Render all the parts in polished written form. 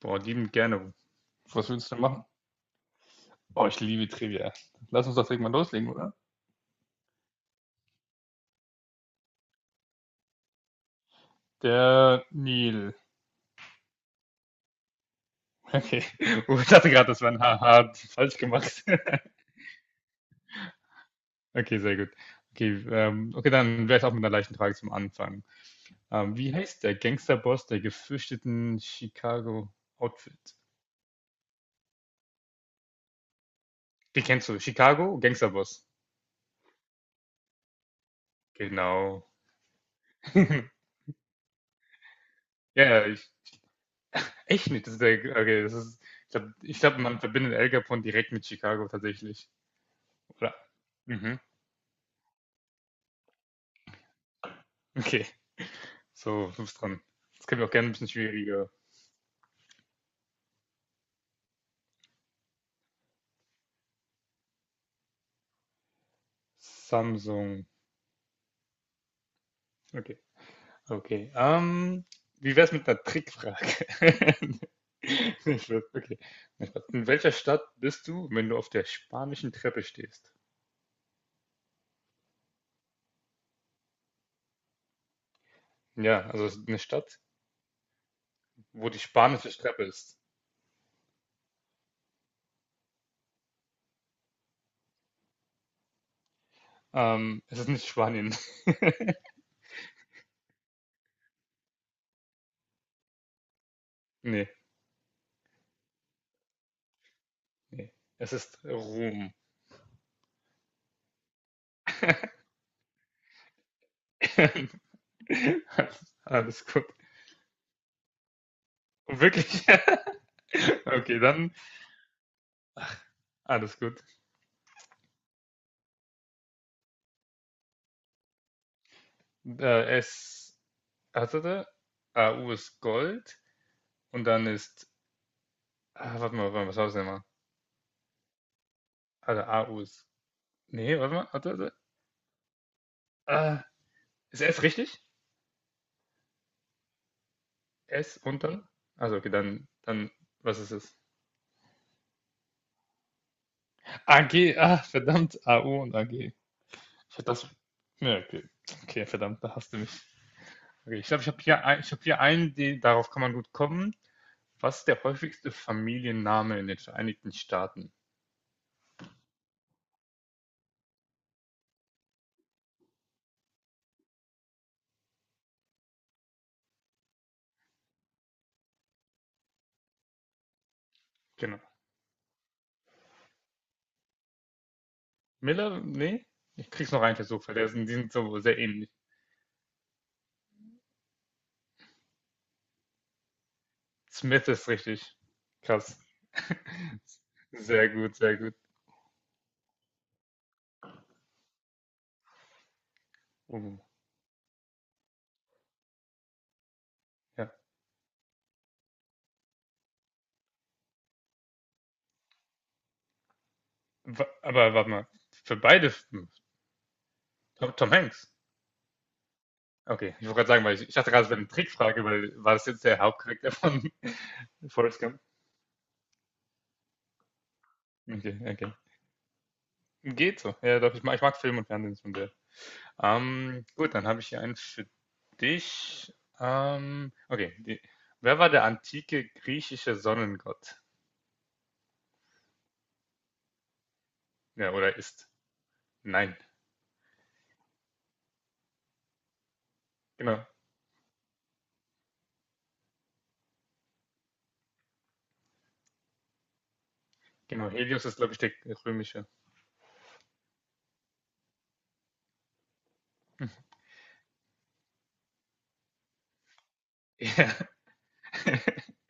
Boah, liebend gerne. Was willst du denn machen? Boah, ich liebe Trivia. Lass uns das direkt mal loslegen, oder? Der Nil. Okay. Oh, ich dachte gerade, das war ein Haha, falsch gemacht. Okay, sehr gut. Okay, okay, dann wäre ich auch mit einer leichten Frage zum Anfang. Wie heißt der Gangsterboss der gefürchteten Chicago Outfit? Die kennst du, Chicago Gangsterboss. Genau. Ja, ja, echt nicht. Das ist der, okay, das ist, ich glaub, man verbindet El Capone direkt mit Chicago tatsächlich. Oder? Mhm. Okay, so, du bist dran. Jetzt können wir auch gerne ein bisschen schwieriger. Samsung. Okay, okay. Wie wär's mit einer Trickfrage? Nee, Spaß, okay. Nee, Spaß. In welcher Stadt bist du, wenn du auf der spanischen Treppe stehst? Ja, also es ist eine Stadt, wo die spanische Treppe ist. Es ist nicht Spanien. Nee, nee. Es ist Rom. Alles, alles gut. Wirklich? Okay, dann alles gut. S, hatte der? A U ist Gold und dann ist, warte mal, was war das denn mal? Hatte A U ist, nee, warte mal, hatte der? Ah, Ist S richtig? S und dann? Also okay, dann, was ist es? AG, verdammt, A U und A G. Ich hätte das, ja, okay, okay, verdammt, da hast du mich. Okay, ich glaube, ich habe hier einen, darauf kann man gut kommen. Was ist der häufigste Familienname in den Vereinigten Staaten? Genau. Miller, nee, ich krieg's noch rein versucht, weil die sind so sehr ähnlich. Smith ist richtig krass. Sehr gut, sehr gut. Oh, ja. Aber warte mal, für beide, Tom Hanks. Okay, ich wollte gerade sagen, weil ich dachte gerade, es wäre eine Trickfrage, weil war das jetzt der Hauptcharakter von Forrest Gump? Okay, okay. Geht so. Ja, doch, ich mag Film und Fernsehen schon sehr. Gut, dann habe ich hier einen für dich. Okay, wer war der antike griechische Sonnengott? Ja, oder ist. Nein, genau. Genau, Helios ist, glaube ich, der römische. Ja.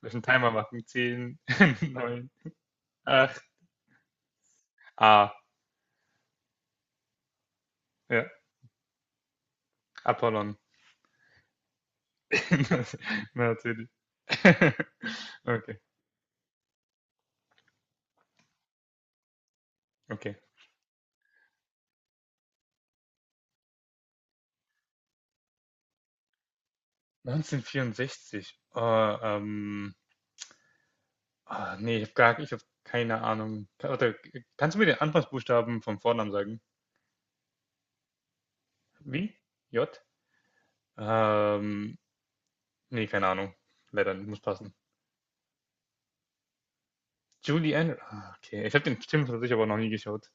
Müssen Timer machen. 10, neun, acht. Ah, ja, Apollon. Das- Na, natürlich. Okay, okay. 1964. Oh, ähm, nee, ich habe keine Ahnung. Oder, kannst du mir den Anfangsbuchstaben vom Vornamen sagen? Wie? J? Ähm, Nee, keine Ahnung. Leider, muss passen. Julie Andrews. Okay. Ich habe den Film tatsächlich aber noch nie geschaut,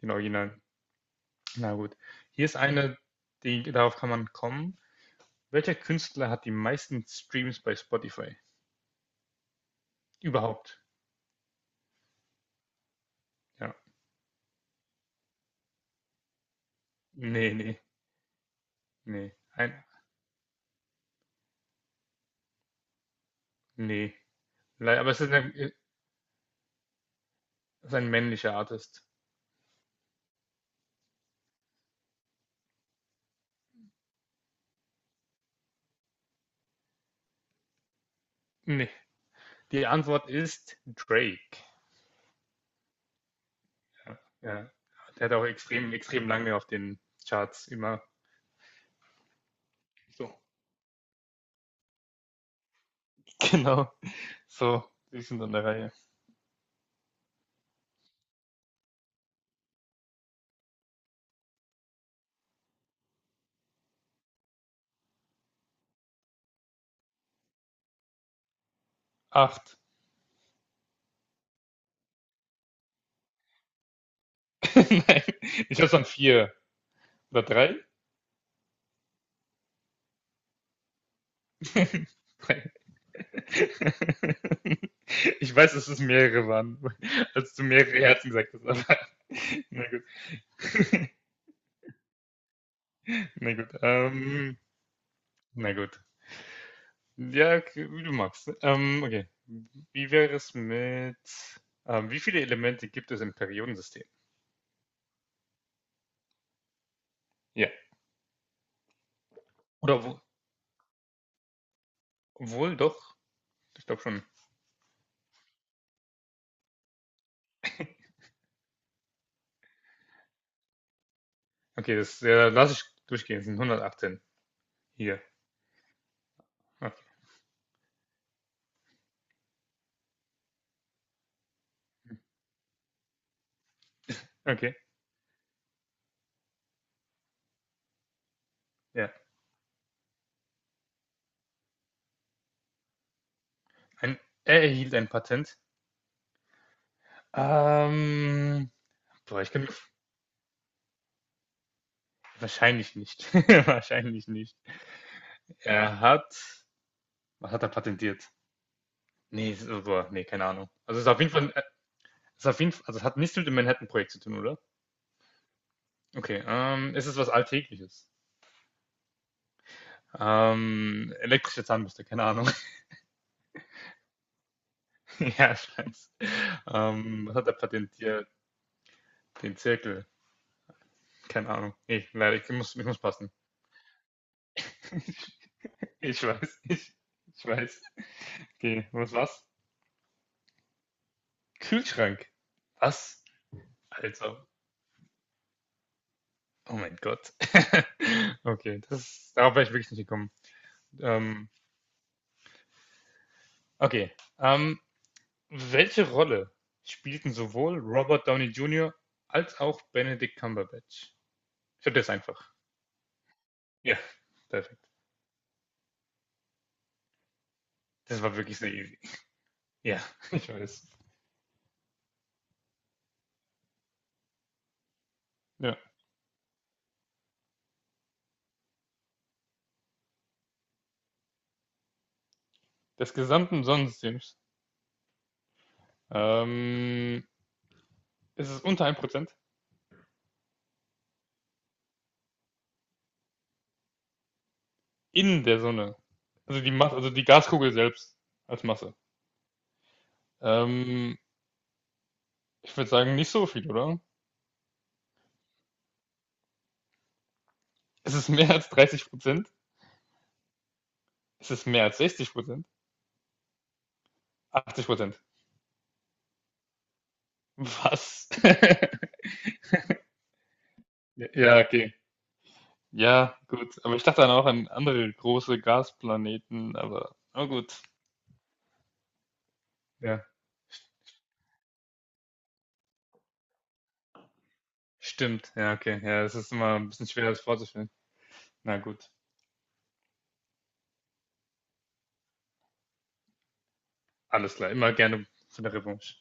den Original. Na gut. Hier ist eine, die, darauf kann man kommen. Welcher Künstler hat die meisten Streams bei Spotify? Überhaupt. Ja. Nee, nee, nee. Nee. Leider, aber es ist es ist ein männlicher Artist. Nee. Die Antwort ist Drake. Ja. Ja. Der hat auch extrem, extrem lange auf den Charts immer. So. Genau. So. Die sind an der Reihe. Acht. Nein. Ich hab's an vier. Oder drei? Drei. Ich weiß, dass es mehrere waren, als du mehrere Herzen gesagt hast, aber na gut. Na gut. Na gut. Ja, okay, wie du magst. Okay. Wie wäre es mit, wie viele Elemente gibt es im Periodensystem? Ja. Oder wohl doch? Ich glaube schon. Okay, das ja, lass ich durchgehen. Es sind 118. Hier. Okay. Okay. Ja. Ein, Er erhielt ein Patent. Ähm, Boah, ich kann mir wahrscheinlich nicht. Wahrscheinlich nicht. Er hat Was hat er patentiert? Ne, so boah, ne, keine Ahnung. Also, es ist auf jeden Fall, ist auf jeden Fall, also, es hat nichts mit dem Manhattan-Projekt zu tun, oder? Okay, ist es ist was Alltägliches? Elektrische Zahnbürste, keine Ahnung. Ja, ich weiß. Was hat er patentiert? Den Zirkel, keine Ahnung. Ne, leider, ich muss passen. Ich weiß, ich weiß. Okay, was war's? Kühlschrank. Was? Also, oh mein Gott. Okay, darauf wäre ich wirklich nicht gekommen. Ähm, okay. Ähm, Welche Rolle spielten sowohl Robert Downey Jr. als auch Benedict Cumberbatch? Ich hab das einfach. Ja, perfekt. Das war wirklich sehr easy. Ja, ich weiß. Ja. Des gesamten Sonnensystems. Ähm, ist es ist unter 1% in der Sonne. Also die Masse, also die Gaskugel selbst als Masse. Ähm, Ich würde sagen, nicht so viel, oder? Es ist mehr als 30%? Ist es mehr als 60%? 80%? Was? Ja, okay. Ja, gut. Aber ich dachte dann auch an andere große Gasplaneten, aber na gut. Ja, stimmt. Ja, okay. Ja, es ist immer ein bisschen schwer, das vorzustellen. Na gut. Alles klar. Immer gerne für eine Revanche.